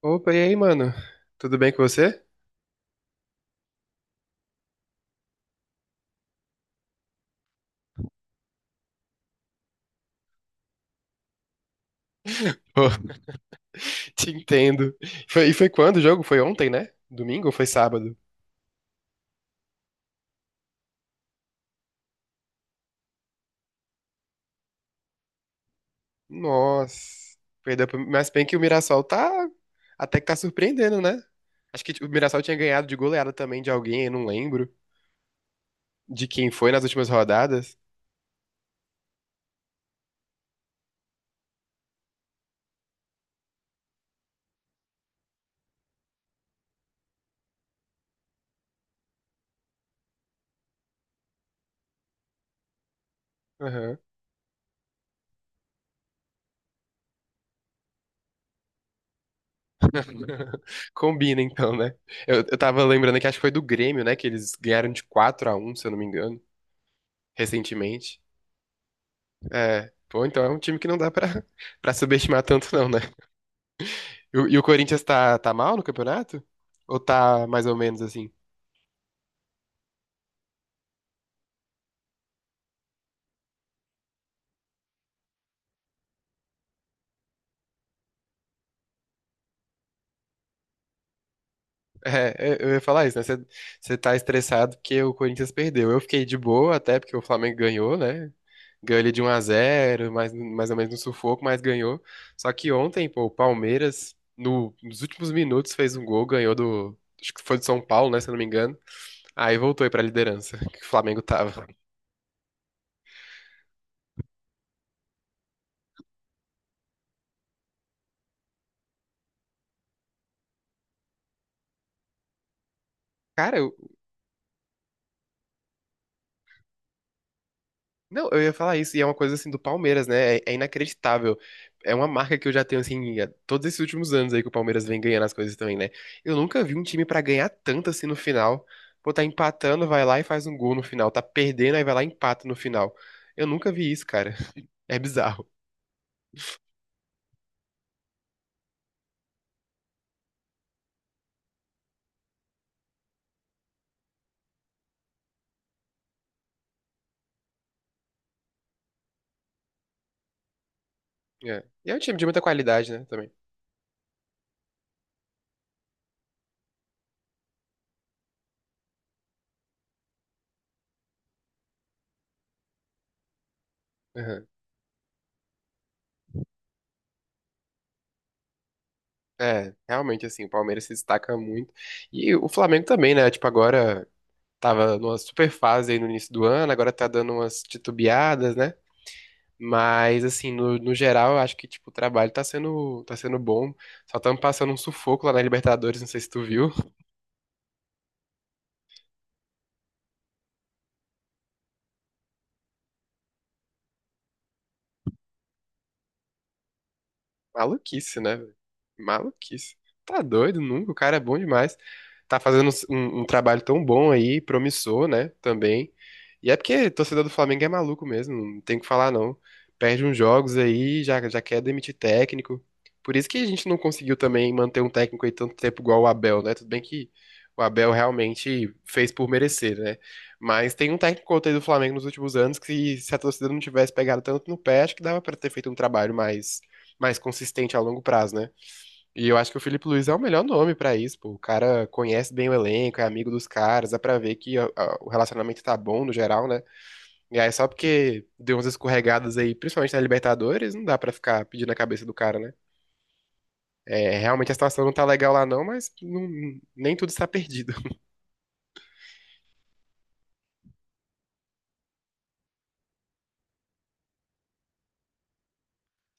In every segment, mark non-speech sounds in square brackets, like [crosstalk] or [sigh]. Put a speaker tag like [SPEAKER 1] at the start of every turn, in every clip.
[SPEAKER 1] Opa, e aí, mano? Tudo bem com você? Pô, [laughs] te entendo. E foi quando o jogo? Foi ontem, né? Domingo ou foi sábado? Nossa, mas bem que o Mirassol tá até que tá surpreendendo, né? Acho que o Mirassol tinha ganhado de goleada também de alguém, eu não lembro de quem foi nas últimas rodadas. Aham. [laughs] Combina então, né? Eu tava lembrando que acho que foi do Grêmio, né? Que eles ganharam de 4-1, se eu não me engano, recentemente. É. Pô, então é um time que não dá pra, [laughs] pra subestimar tanto, não, né? E o Corinthians tá mal no campeonato? Ou tá mais ou menos assim? É, é, eu ia falar isso, né? Você tá estressado porque o Corinthians perdeu. Eu fiquei de boa até porque o Flamengo ganhou, né? Ganhou ele de 1-0 mais ou menos no sufoco, mas ganhou. Só que ontem, pô, o Palmeiras, nos últimos minutos, fez um gol, ganhou do. Acho que foi do São Paulo, né? Se eu não me engano. Aí voltou aí pra liderança, que o Flamengo tava. Cara, não, eu ia falar isso, e é uma coisa assim do Palmeiras, né? É, é inacreditável. É uma marca que eu já tenho, assim, há todos esses últimos anos aí que o Palmeiras vem ganhando as coisas também, né? Eu nunca vi um time pra ganhar tanto assim no final. Pô, tá empatando, vai lá e faz um gol no final. Tá perdendo, aí vai lá e empata no final. Eu nunca vi isso, cara. [laughs] É bizarro. É. E é um time de muita qualidade, né? Também. Aham. É, realmente, assim, o Palmeiras se destaca muito. E o Flamengo também, né? Tipo, agora tava numa super fase aí no início do ano, agora tá dando umas titubeadas, né? Mas, assim, no geral, eu acho que, tipo, o trabalho tá sendo bom. Só estamos passando um sufoco lá na Libertadores, não sei se tu viu. Maluquice, né, velho? Maluquice. Tá doido, nunca. O cara é bom demais. Tá fazendo um, um trabalho tão bom aí, promissor, né? Também. E é porque torcedor do Flamengo é maluco mesmo, não tem o que falar, não. Perde uns jogos aí, já quer demitir técnico. Por isso que a gente não conseguiu também manter um técnico aí tanto tempo igual o Abel, né? Tudo bem que o Abel realmente fez por merecer, né? Mas tem um técnico outro aí do Flamengo nos últimos anos que se a torcida não tivesse pegado tanto no pé, acho que dava pra ter feito um trabalho mais consistente a longo prazo, né? E eu acho que o Felipe Luiz é o melhor nome pra isso, pô. O cara conhece bem o elenco, é amigo dos caras, dá pra ver que o relacionamento tá bom no geral, né? E aí só porque deu umas escorregadas aí, principalmente na Libertadores, não dá pra ficar pedindo a cabeça do cara, né? É, realmente a situação não tá legal lá não, nem tudo está perdido.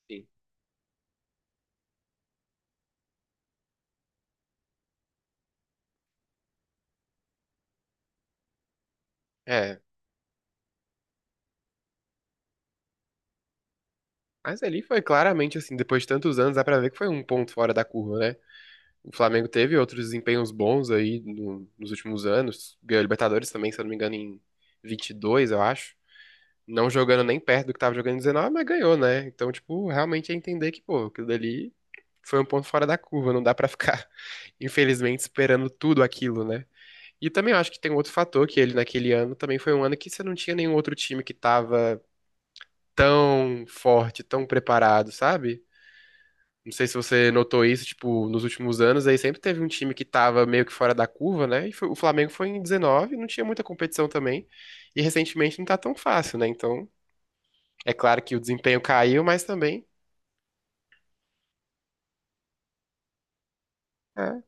[SPEAKER 1] Sim. É, mas ali foi claramente assim, depois de tantos anos, dá pra ver que foi um ponto fora da curva, né? O Flamengo teve outros desempenhos bons aí nos últimos anos. Ganhou a Libertadores também, se eu não me engano, em 22, eu acho. Não jogando nem perto do que tava jogando em 19, mas ganhou, né? Então, tipo, realmente é entender que, pô, aquilo dali foi um ponto fora da curva. Não dá pra ficar, [laughs] infelizmente, esperando tudo aquilo, né? E também eu acho que tem um outro fator, que ele naquele ano também foi um ano que você não tinha nenhum outro time que tava tão forte, tão preparado, sabe? Não sei se você notou isso, tipo, nos últimos anos aí sempre teve um time que tava meio que fora da curva, né? E o Flamengo foi em 19, não tinha muita competição também. E recentemente não tá tão fácil, né? Então, é claro que o desempenho caiu, mas também. É.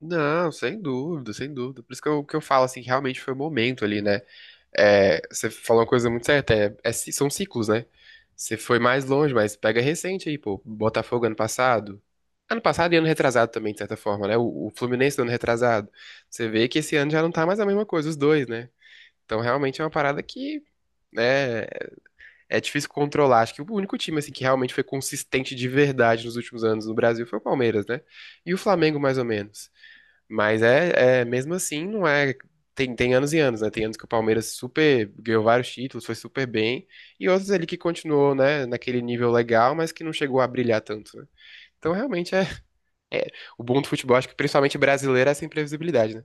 [SPEAKER 1] Não, sem dúvida, sem dúvida. Por isso que eu falo assim, que realmente foi o momento ali, né? É, você falou uma coisa muito certa, é, é são ciclos, né? Você foi mais longe, mas pega recente aí, pô. Botafogo ano passado. Ano passado e ano retrasado também, de certa forma, né? O Fluminense do ano retrasado. Você vê que esse ano já não tá mais a mesma coisa, os dois, né? Então realmente é uma parada que, né, é difícil controlar. Acho que o único time, assim, que realmente foi consistente de verdade nos últimos anos no Brasil foi o Palmeiras, né? E o Flamengo, mais ou menos. Mas é, é mesmo assim, não é. Tem anos e anos, né? Tem anos que o Palmeiras super ganhou vários títulos, foi super bem, e outros ali que continuou, né, naquele nível legal, mas que não chegou a brilhar tanto, né? Então realmente é, é o bom do futebol, acho que principalmente brasileiro, é essa imprevisibilidade, né?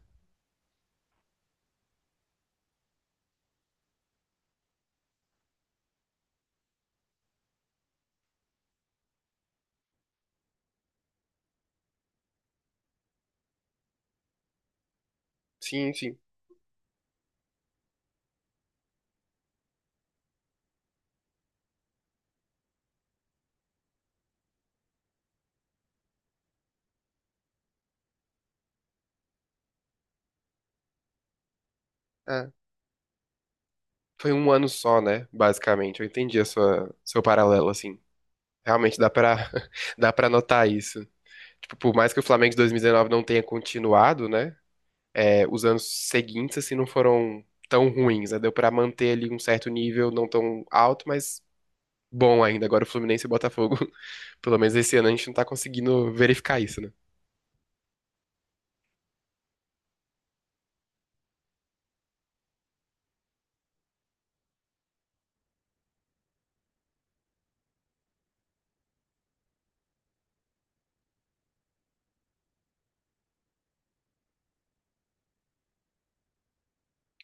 [SPEAKER 1] Sim, sim. É. Foi um ano só, né? Basicamente. Eu entendi a sua, seu paralelo, assim. Realmente dá pra, [laughs] dá pra notar isso. Tipo, por mais que o Flamengo de 2019 não tenha continuado, né? É, os anos seguintes, assim, não foram tão ruins, né? Deu pra manter ali um certo nível, não tão alto, mas bom ainda. Agora o Fluminense e o Botafogo, [laughs] pelo menos esse ano, a gente não tá conseguindo verificar isso, né?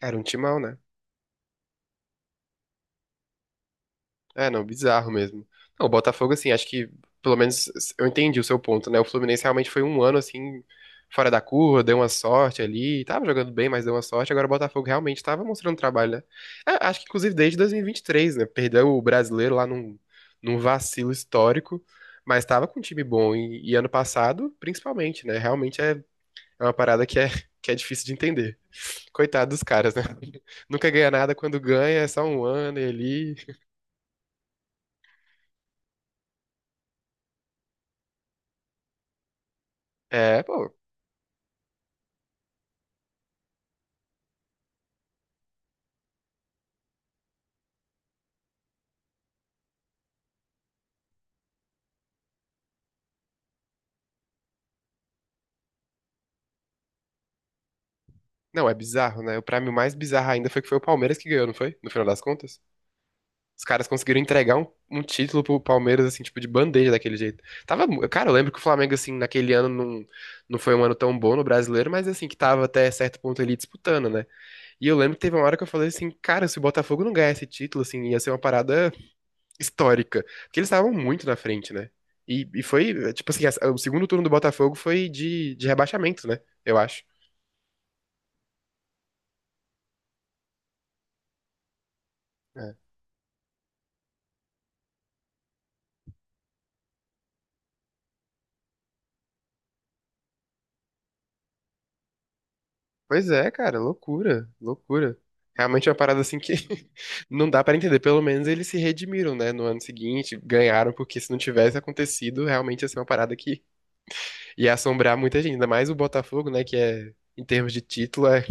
[SPEAKER 1] Era um timão, né? É, não, bizarro mesmo. Não, o Botafogo, assim, acho que, pelo menos, eu entendi o seu ponto, né? O Fluminense realmente foi um ano, assim, fora da curva, deu uma sorte ali, tava jogando bem, mas deu uma sorte. Agora o Botafogo realmente tava mostrando trabalho, né? É, acho que, inclusive, desde dois mil e vinte e três, né? Perdeu o brasileiro lá num vacilo histórico, mas tava com um time bom. E, ano passado, principalmente, né? Realmente é, é uma parada que é, [laughs] que é difícil de entender. Coitado dos caras, né? [laughs] Nunca ganha nada, quando ganha é só um ano e ali. É, pô, não, é bizarro, né? Pra mim, o mais bizarro ainda foi que foi o Palmeiras que ganhou, não foi? No final das contas. Os caras conseguiram entregar um, um título pro Palmeiras, assim, tipo, de bandeja daquele jeito. Tava, cara, eu lembro que o Flamengo, assim, naquele ano não, não foi um ano tão bom no brasileiro, mas, assim, que tava até certo ponto ali disputando, né? E eu lembro que teve uma hora que eu falei assim, cara, se o Botafogo não ganhar esse título, assim, ia ser uma parada histórica. Porque eles estavam muito na frente, né? E, foi, tipo assim, o segundo turno do Botafogo foi de rebaixamento, né? Eu acho. Pois é, cara, loucura, loucura. Realmente é uma parada assim que [laughs] não dá pra entender. Pelo menos eles se redimiram, né, no ano seguinte, ganharam, porque se não tivesse acontecido, realmente ia ser uma parada que ia assombrar muita gente. Ainda mais o Botafogo, né, que é, em termos de título, é,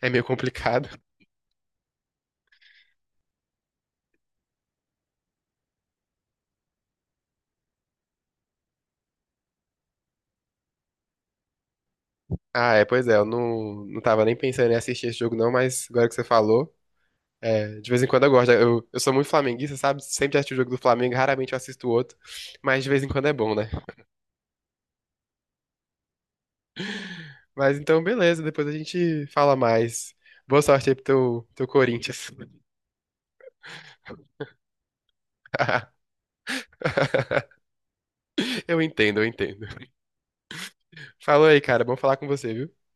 [SPEAKER 1] é meio complicado. [laughs] Ah, é, pois é, eu não, não tava nem pensando em assistir esse jogo não, mas agora que você falou, é, de vez em quando eu gosto. Eu sou muito flamenguista, sabe? Sempre assisto o jogo do Flamengo, raramente eu assisto o outro, mas de vez em quando é bom, né? Mas então, beleza, depois a gente fala mais. Boa sorte aí pro teu Corinthians. [laughs] Eu entendo, eu entendo. Falou aí, cara. Bom falar com você, viu?